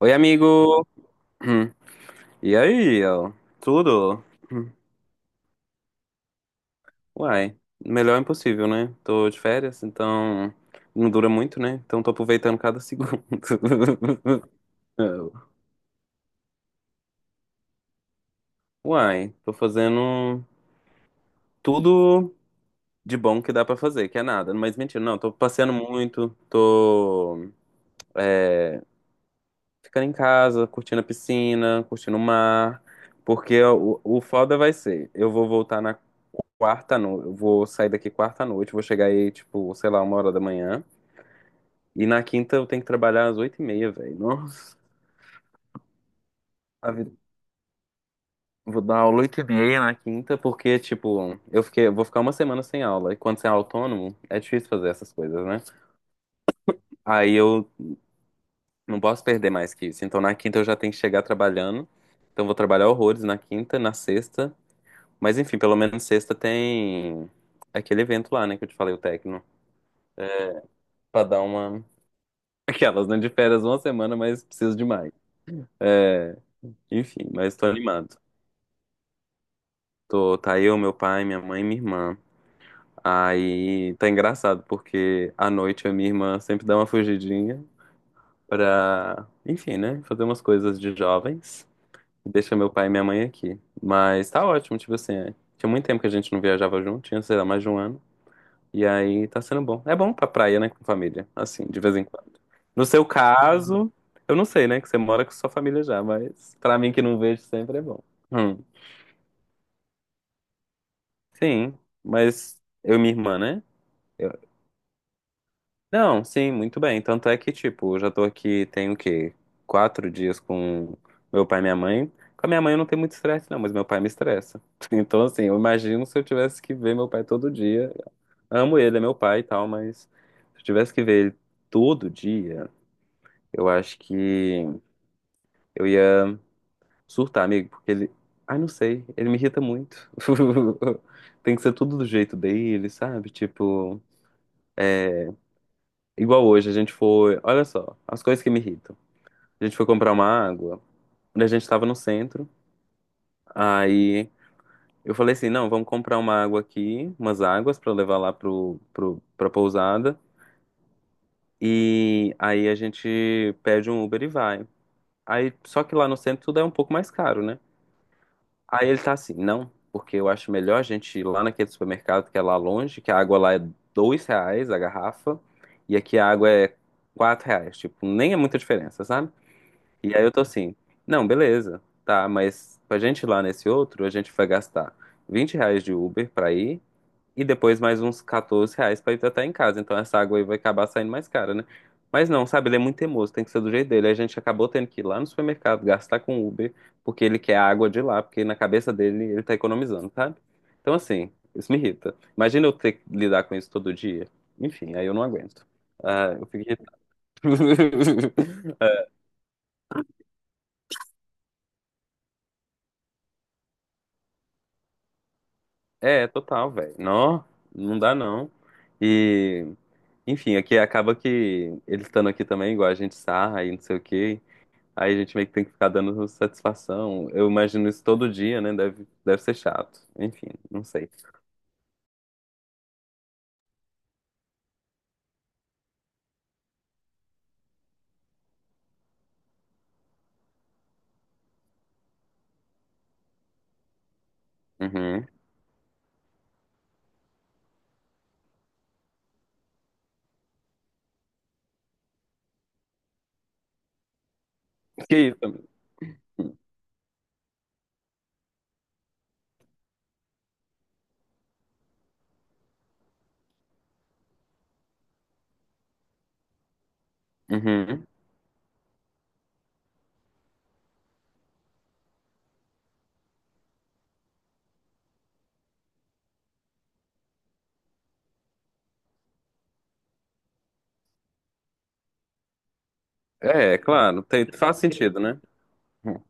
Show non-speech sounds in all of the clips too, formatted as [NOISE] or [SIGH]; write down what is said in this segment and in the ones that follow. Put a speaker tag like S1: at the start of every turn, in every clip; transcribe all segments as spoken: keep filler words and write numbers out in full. S1: Oi, amigo! Hum. E aí, ó? Tudo? Hum. Uai, melhor é impossível, né? Tô de férias, então não dura muito, né? Então tô aproveitando cada segundo. [LAUGHS] Uai, tô fazendo tudo de bom que dá pra fazer, que é nada. Mas mentira, não, tô passeando muito, tô ficando em casa, curtindo a piscina, curtindo o mar, porque o, o foda vai ser, eu vou voltar na quarta noite. Eu vou sair daqui quarta à noite, vou chegar aí, tipo, sei lá, uma hora da manhã. E na quinta eu tenho que trabalhar às oito e meia, velho. Nossa, a vida- vou dar aula oito e meia na quinta, porque, tipo, eu fiquei, eu vou ficar uma semana sem aula. E quando você é autônomo, é difícil fazer essas coisas, né? Aí eu não posso perder mais que isso. Então na quinta eu já tenho que chegar trabalhando. Então eu vou trabalhar horrores na quinta, na sexta. Mas enfim, pelo menos sexta tem aquele evento lá, né, que eu te falei, o Tecno. Pra dar uma aquelas, né? De férias uma semana, mas preciso demais. É, enfim, mas tô animado. Tô, tá eu, meu pai, minha mãe e minha irmã. Aí tá engraçado, porque à noite a minha irmã sempre dá uma fugidinha pra, enfim, né? Fazer umas coisas de jovens. Deixa meu pai e minha mãe aqui. Mas tá ótimo, tipo assim, é. Tinha muito tempo que a gente não viajava junto, tinha, sei lá, mais de um ano. E aí tá sendo bom. É bom pra praia, né, com família. Assim, de vez em quando. No seu caso, eu não sei, né, que você mora com sua família já, mas pra mim que não vejo sempre é bom. Hum, sim, mas eu e minha irmã, né? Eu- Não, sim, muito bem. Tanto é que, tipo, eu já tô aqui, tem o quê? Quatro dias com meu pai e minha mãe. Com a minha mãe eu não tenho muito estresse, não, mas meu pai me estressa. [LAUGHS] Então, assim, eu imagino se eu tivesse que ver meu pai todo dia. Amo ele, é meu pai e tal, mas se eu tivesse que ver ele todo dia. Eu acho que eu ia surtar, amigo, porque ele. Ai, não sei, ele me irrita muito. [LAUGHS] Tem que ser tudo do jeito dele, sabe? Tipo, igual hoje, a gente foi. Olha só, as coisas que me irritam. A gente foi comprar uma água, quando a gente tava no centro, aí eu falei assim: não, vamos comprar uma água aqui, umas águas pra levar lá pro, pro, pra pousada, e aí a gente pede um Uber e vai. Aí, só que lá no centro tudo é um pouco mais caro, né? Aí ele tá assim, não, porque eu acho melhor a gente ir lá naquele supermercado que é lá longe, que a água lá é dois reais a garrafa, e aqui a água é quatro reais, tipo, nem é muita diferença, sabe? E aí eu tô assim, não, beleza, tá, mas pra gente ir lá nesse outro, a gente vai gastar vinte reais de Uber pra ir, e depois mais uns quatorze reais pra hidratar em casa. Então essa água aí vai acabar saindo mais cara, né? Mas não, sabe? Ele é muito teimoso, tem que ser do jeito dele. A gente acabou tendo que ir lá no supermercado, gastar com Uber, porque ele quer a água de lá, porque na cabeça dele ele tá economizando, sabe? Então assim, isso me irrita. Imagina eu ter que lidar com isso todo dia. Enfim, aí eu não aguento. Ah, eu fico irritado. [LAUGHS] É, total, velho. Não, não dá não. E, enfim, aqui acaba que ele estando aqui também, igual a gente sarra e não sei o quê. Aí a gente meio que tem que ficar dando satisfação. Eu imagino isso todo dia, né? Deve, deve ser chato. Enfim, não sei. Uhum. Que isso? Uhum. É, é claro. Tem, faz sentido, né? Uhum,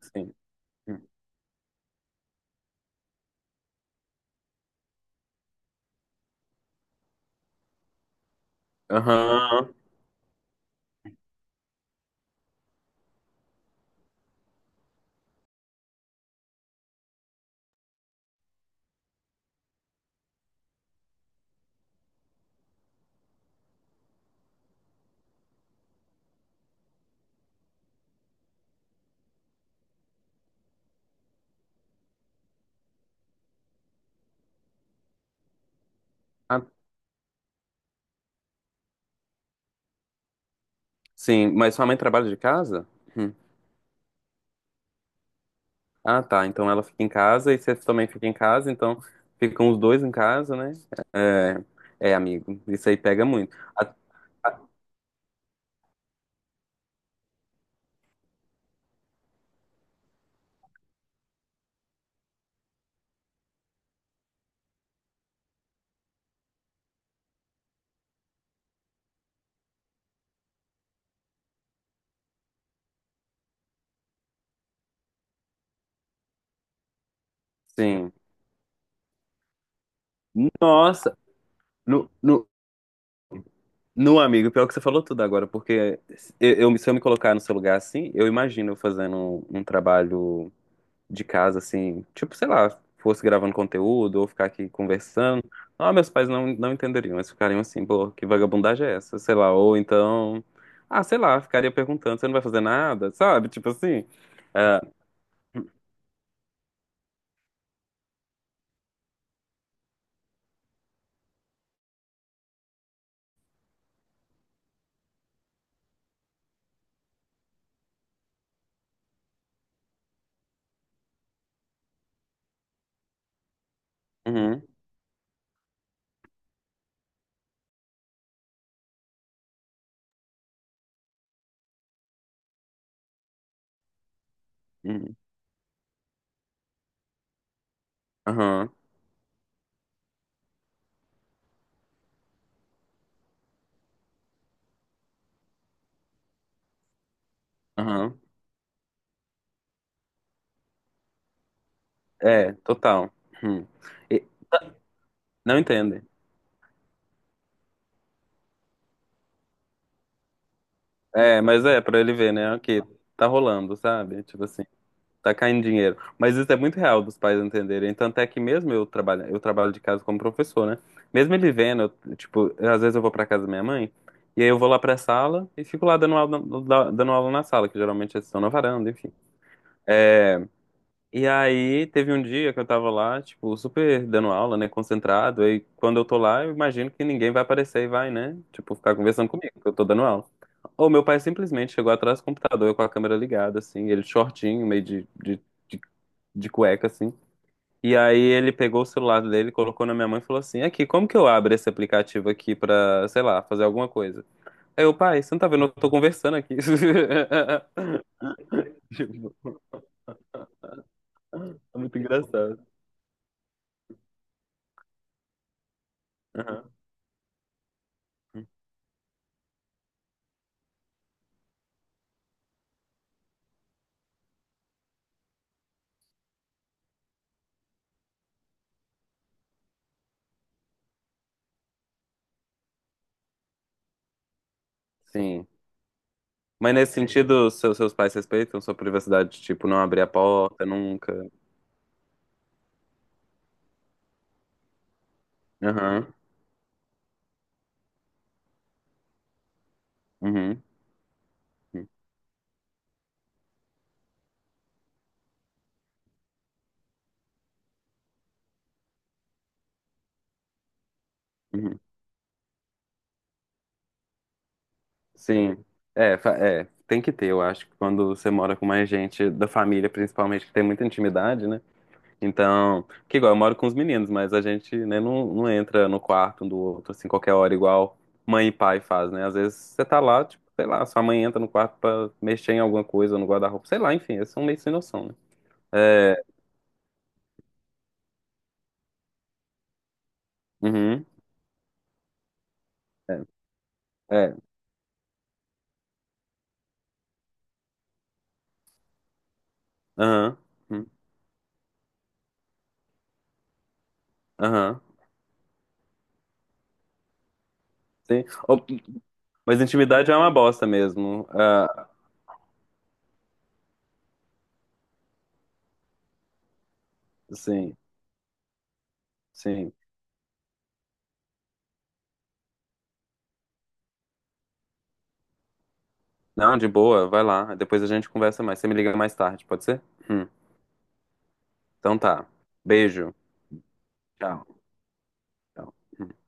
S1: sim. Aham. Ah, sim, mas sua mãe trabalha de casa? Uhum. Ah, tá. Então ela fica em casa e você também fica em casa, então ficam os dois em casa, né? É, é, amigo. Isso aí pega muito. Ah, sim. Nossa, no, no- não, amigo, pior que você falou tudo agora, porque eu, eu- se eu me colocar no seu lugar assim, eu imagino eu fazendo um, um trabalho de casa assim, tipo, sei lá, fosse gravando conteúdo ou ficar aqui conversando. Ah, meus pais não, não entenderiam, eles ficariam assim, pô, que vagabundagem é essa? Sei lá, ou então, ah, sei lá, ficaria perguntando, você não vai fazer nada, sabe? Tipo assim. Ah, uhum, uhum, aham, aham. É, total. Uhum. E- não entendem. É, mas é, pra ele ver, né? Ok, tá rolando, sabe? Tipo assim, tá caindo dinheiro. Mas isso é muito real dos pais entenderem. Tanto é que mesmo eu trabalho, eu trabalho de casa como professor, né? Mesmo ele vendo, eu, tipo, às vezes eu vou pra casa da minha mãe, e aí eu vou lá pra sala e fico lá dando aula, na- da- dando aula na sala, que geralmente eles estão na varanda, enfim. E aí teve um dia que eu tava lá, tipo, super dando aula, né, concentrado. E quando eu tô lá, eu imagino que ninguém vai aparecer e vai, né, tipo, ficar conversando comigo, porque eu tô dando aula. Ou meu pai simplesmente chegou atrás do computador, eu com a câmera ligada, assim, ele shortinho, meio de, de, de, de cueca, assim. E aí ele pegou o celular dele, colocou na minha mãe e falou assim, aqui, como que eu abro esse aplicativo aqui pra, sei lá, fazer alguma coisa? Aí eu, pai, você não tá vendo, eu tô conversando aqui. [LAUGHS] Tipo, é muito engraçado. Aham. Sim. Mas nesse sentido, seu- seus pais respeitam sua privacidade, tipo, não abrir a porta nunca. Aham. Uhum. Uhum. Sim. É, fa- é, tem que ter, eu acho, que quando você mora com mais gente da família, principalmente, que tem muita intimidade, né? Então, que igual, eu moro com os meninos, mas a gente, né, não, não entra no quarto um do outro, assim, qualquer hora, igual mãe e pai faz, né? Às vezes você tá lá, tipo, sei lá, sua mãe entra no quarto pra mexer em alguma coisa, no guarda-roupa, sei lá, enfim, eles são meio sem noção, né? É, uhum, é, é. Aham. Hum, aham. Sim. Ou- Mas intimidade é uma bosta mesmo. Ah, sim, sim. Não, de boa, vai lá. Depois a gente conversa mais. Você me liga mais tarde, pode ser? Hum, Então tá. Beijo. Tchau. Tchau. Hum.